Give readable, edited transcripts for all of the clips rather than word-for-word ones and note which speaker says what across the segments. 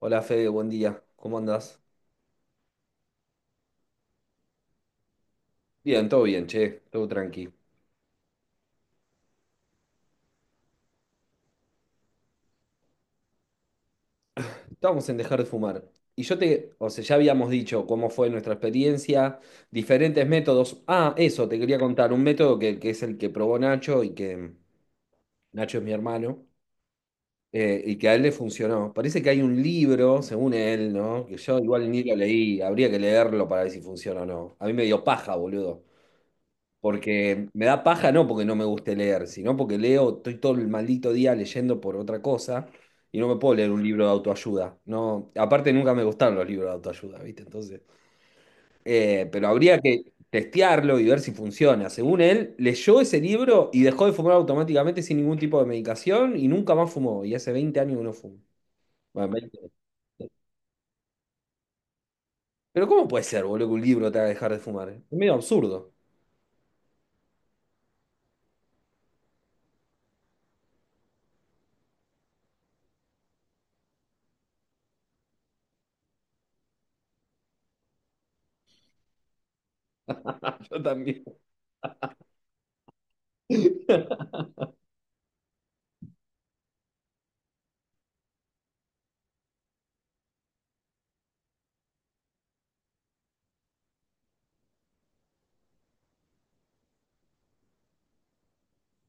Speaker 1: Hola Fede, buen día. ¿Cómo andás? Bien, todo bien, che, todo tranqui. Estábamos en dejar de fumar. Y yo o sea, ya habíamos dicho cómo fue nuestra experiencia, diferentes métodos. Ah, eso, te quería contar, un método que es el que probó Nacho y que Nacho es mi hermano, y que a él le funcionó. Parece que hay un libro, según él, ¿no? Que yo igual ni lo leí, habría que leerlo para ver si funciona o no. A mí me dio paja, boludo. Porque me da paja, no porque no me guste leer, sino porque leo, estoy todo el maldito día leyendo por otra cosa y no me puedo leer un libro de autoayuda. No, aparte nunca me gustaron los libros de autoayuda, ¿viste? Entonces, pero habría que testearlo y ver si funciona. Según él, leyó ese libro y dejó de fumar automáticamente sin ningún tipo de medicación y nunca más fumó. Y hace 20 años que no fuma. Bueno, 20. Pero ¿cómo puede ser, boludo, que un libro te haga dejar de fumar? Es medio absurdo. Yo también.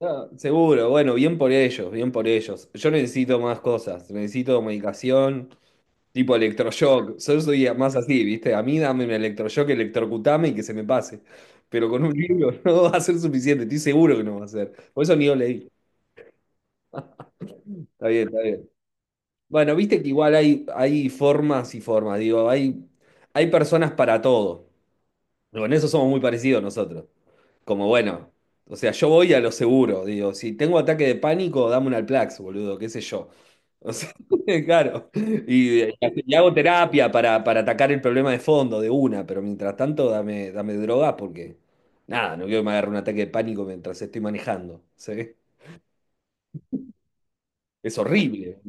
Speaker 1: No, seguro, bueno, bien por ellos, bien por ellos. Yo necesito más cosas, necesito medicación tipo electroshock. Yo soy más así, ¿viste? A mí dame un electroshock, electrocutame y que se me pase. Pero con un libro no va a ser suficiente, estoy seguro que no va a ser. Por eso ni lo leí. Está bien, está bien. Bueno, viste que igual hay, hay formas y formas, digo, hay personas para todo. Con eso somos muy parecidos nosotros. Como bueno, o sea, yo voy a lo seguro, digo, si tengo ataque de pánico, dame un Alplax, boludo, qué sé yo. O sea, claro. Y hago terapia para atacar el problema de fondo de una, pero mientras tanto dame droga porque, nada, no quiero que me agarre un ataque de pánico mientras estoy manejando. ¿Sí? Es horrible.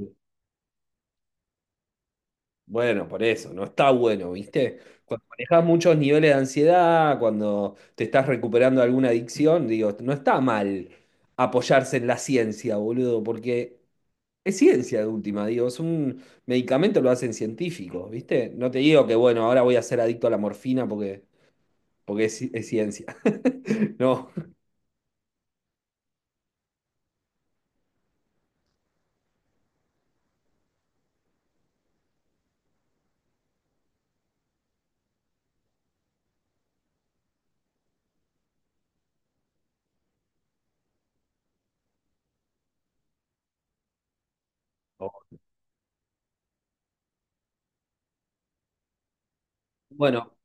Speaker 1: Bueno, por eso, no está bueno, ¿viste? Cuando manejas muchos niveles de ansiedad, cuando te estás recuperando de alguna adicción, digo, no está mal apoyarse en la ciencia, boludo, porque es ciencia de última, digo, es un medicamento, lo hacen científicos, ¿viste? No te digo que, bueno, ahora voy a ser adicto a la morfina porque, porque es, es ciencia. No. Bueno,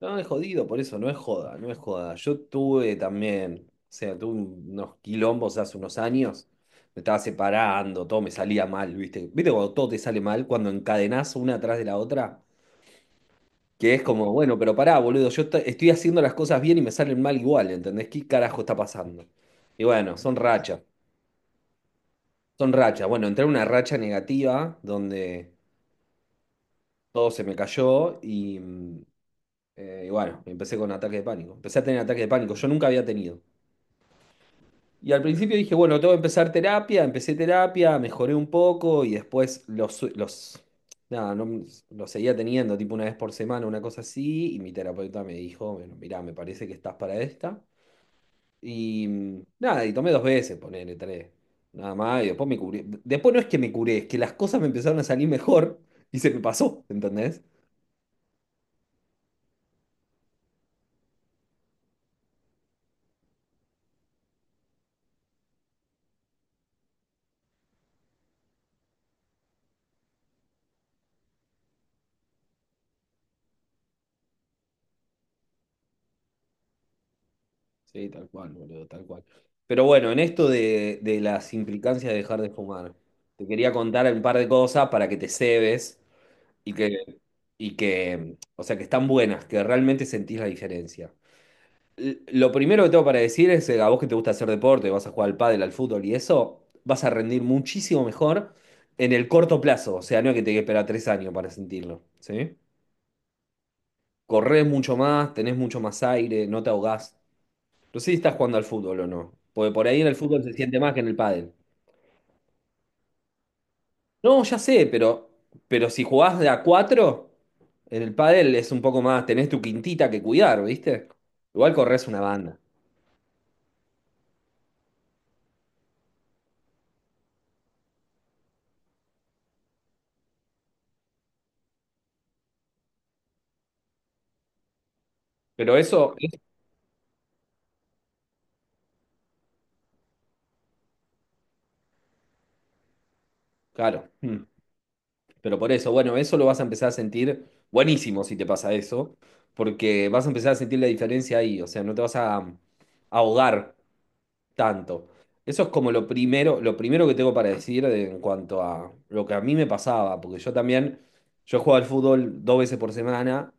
Speaker 1: no, es jodido, por eso no es joda, no es joda. Yo tuve también, o sea, tuve unos quilombos hace unos años, me estaba separando, todo me salía mal, ¿viste? ¿Viste cuando todo te sale mal, cuando encadenás una atrás de la otra? Que es como, bueno, pero pará, boludo, yo estoy haciendo las cosas bien y me salen mal igual, ¿entendés? ¿Qué carajo está pasando? Y bueno, son rachas, son rachas. Bueno, entré en una racha negativa donde todo se me cayó y bueno, empecé con ataque de pánico. Empecé a tener ataque de pánico, yo nunca había tenido. Y al principio dije, bueno, tengo que empezar terapia, empecé terapia, mejoré un poco y después nada, no, los seguía teniendo tipo una vez por semana, una cosa así, y mi terapeuta me dijo, bueno, mirá, me parece que estás para esta. Y nada, y tomé dos veces, ponele tres, nada más, y después me curé. Después no es que me curé, es que las cosas me empezaron a salir mejor y se me pasó, ¿entendés? Sí, tal cual, boludo, tal cual. Pero bueno, en esto de las implicancias de dejar de fumar, te quería contar un par de cosas para que te cebes y que, y que, o sea, que están buenas, que realmente sentís la diferencia. Lo primero que tengo para decir es, a vos que te gusta hacer deporte, vas a jugar al pádel, al fútbol y eso, vas a rendir muchísimo mejor en el corto plazo, o sea, no es que te que esperar tres años para sentirlo, ¿sí? Corres mucho más, tenés mucho más aire, no te ahogás. No sé si estás jugando al fútbol o no. Porque por ahí en el fútbol se siente más que en el pádel. No, ya sé, pero, si jugás de a cuatro, en el pádel es un poco más, tenés tu quintita que cuidar, ¿viste? Igual corres una banda. Pero eso, claro. Mm. Pero por eso, bueno, eso lo vas a empezar a sentir buenísimo si te pasa eso, porque vas a empezar a sentir la diferencia ahí, o sea, no te vas a ahogar tanto. Eso es como lo primero que tengo para decir en cuanto a lo que a mí me pasaba, porque yo también, yo jugaba al fútbol dos veces por semana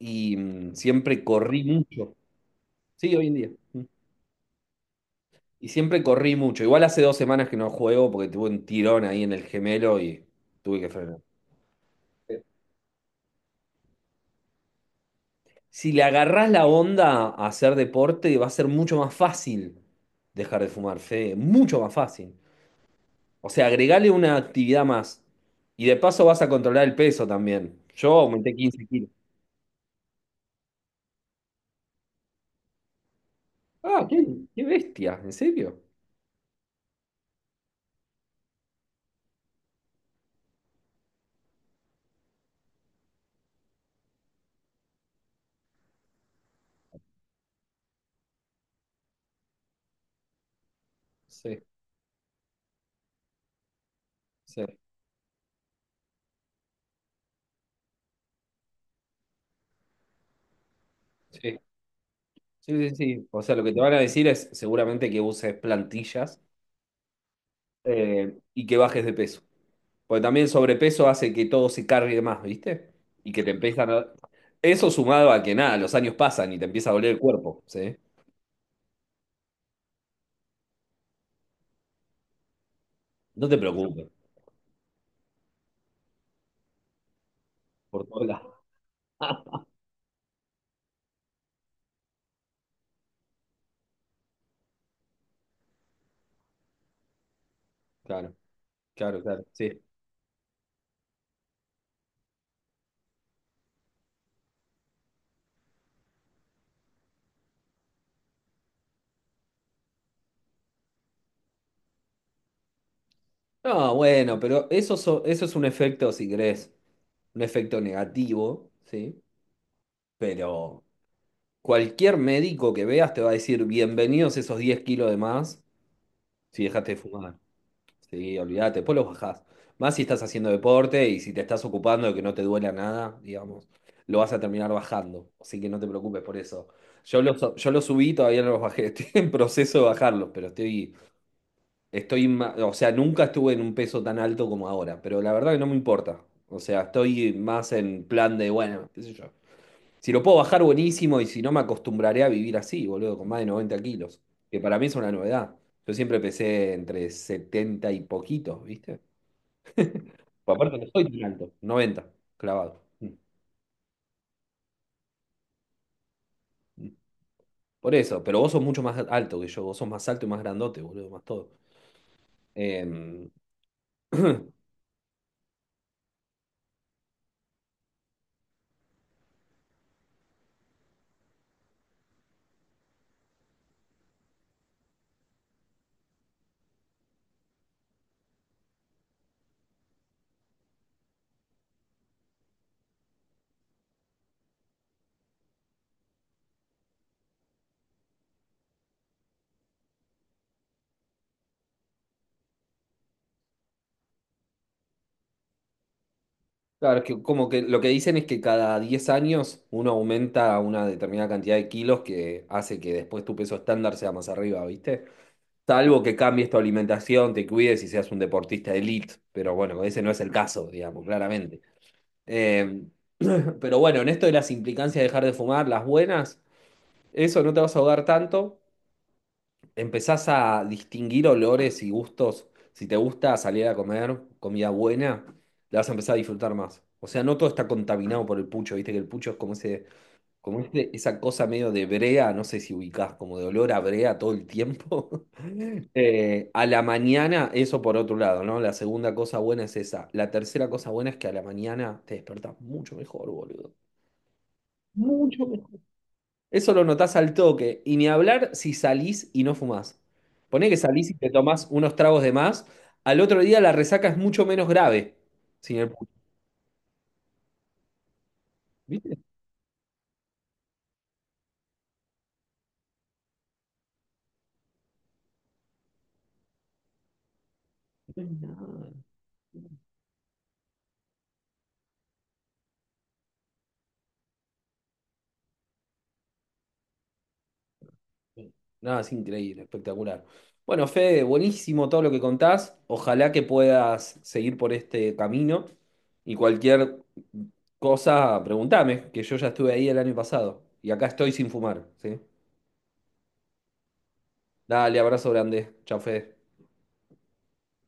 Speaker 1: y siempre corrí mucho. Sí, hoy en día. Mm. Y siempre corrí mucho. Igual hace dos semanas que no juego porque tuve un tirón ahí en el gemelo y tuve que frenar. Si le agarrás la onda a hacer deporte, va a ser mucho más fácil dejar de fumar, Fede, mucho más fácil. O sea, agregale una actividad más. Y de paso vas a controlar el peso también. Yo aumenté 15 kilos. Ah, qué, qué bestia, ¿en serio? Sí, sí, sí, sí, sí, sí. O sea, lo que te van a decir es seguramente que uses plantillas y que bajes de peso. Porque también el sobrepeso hace que todo se cargue más, ¿viste? Y que te empiezan a... Eso sumado a que nada, los años pasan y te empieza a doler el cuerpo, ¿sí? No te preocupes, por todas lados. Claro, claro, claro, sí. No, bueno, pero eso, eso es un efecto, si querés, un efecto negativo, ¿sí? Pero cualquier médico que veas te va a decir, bienvenidos esos 10 kilos de más si dejaste de fumar. Sí, olvídate, después los bajás. Más si estás haciendo deporte y si te estás ocupando de que no te duela nada, digamos, lo vas a terminar bajando. Así que no te preocupes por eso. Yo los subí, todavía no los bajé. Estoy en proceso de bajarlos, pero Estoy, o sea, nunca estuve en un peso tan alto como ahora, pero la verdad que no me importa. O sea, estoy más en plan de, bueno, qué sé yo. Si lo puedo bajar, buenísimo, y si no, me acostumbraré a vivir así, boludo, con más de 90 kilos, que para mí es una novedad. Yo siempre pesé entre 70 y poquitos, ¿viste? Pues aparte no soy tan alto, 90 clavado. Mm, mm. Por eso, pero vos sos mucho más alto que yo, vos sos más alto y más grandote, boludo, más todo. Eh, Claro, que como que lo que dicen es que cada 10 años uno aumenta una determinada cantidad de kilos que hace que después tu peso estándar sea más arriba, ¿viste? Salvo que cambies tu alimentación, te cuides y seas un deportista elite, pero bueno, ese no es el caso, digamos, claramente. Eh, pero bueno, en esto de las implicancias de dejar de fumar, las buenas, eso no te vas a ahogar tanto, empezás a distinguir olores y gustos. Si te gusta salir a comer comida buena, la vas a empezar a disfrutar más. O sea, no todo está contaminado por el pucho, viste que el pucho es como ese, como esa cosa medio de brea, no sé si ubicás, como de olor a brea todo el tiempo. A la mañana, eso por otro lado, ¿no? La segunda cosa buena es esa. La tercera cosa buena es que a la mañana te despertás mucho mejor, boludo. Eso lo notás al toque. Y ni hablar si salís y no fumás. Poné que salís y te tomás unos tragos de más. Al otro día la resaca es mucho menos grave. Sin el pucho. ¿Viste? No, no, es increíble, espectacular. Bueno, Fede, buenísimo todo lo que contás. Ojalá que puedas seguir por este camino. Y cualquier cosa, preguntame, que yo ya estuve ahí el año pasado. Y acá estoy sin fumar, ¿sí? Dale, abrazo grande. Chao, Fede.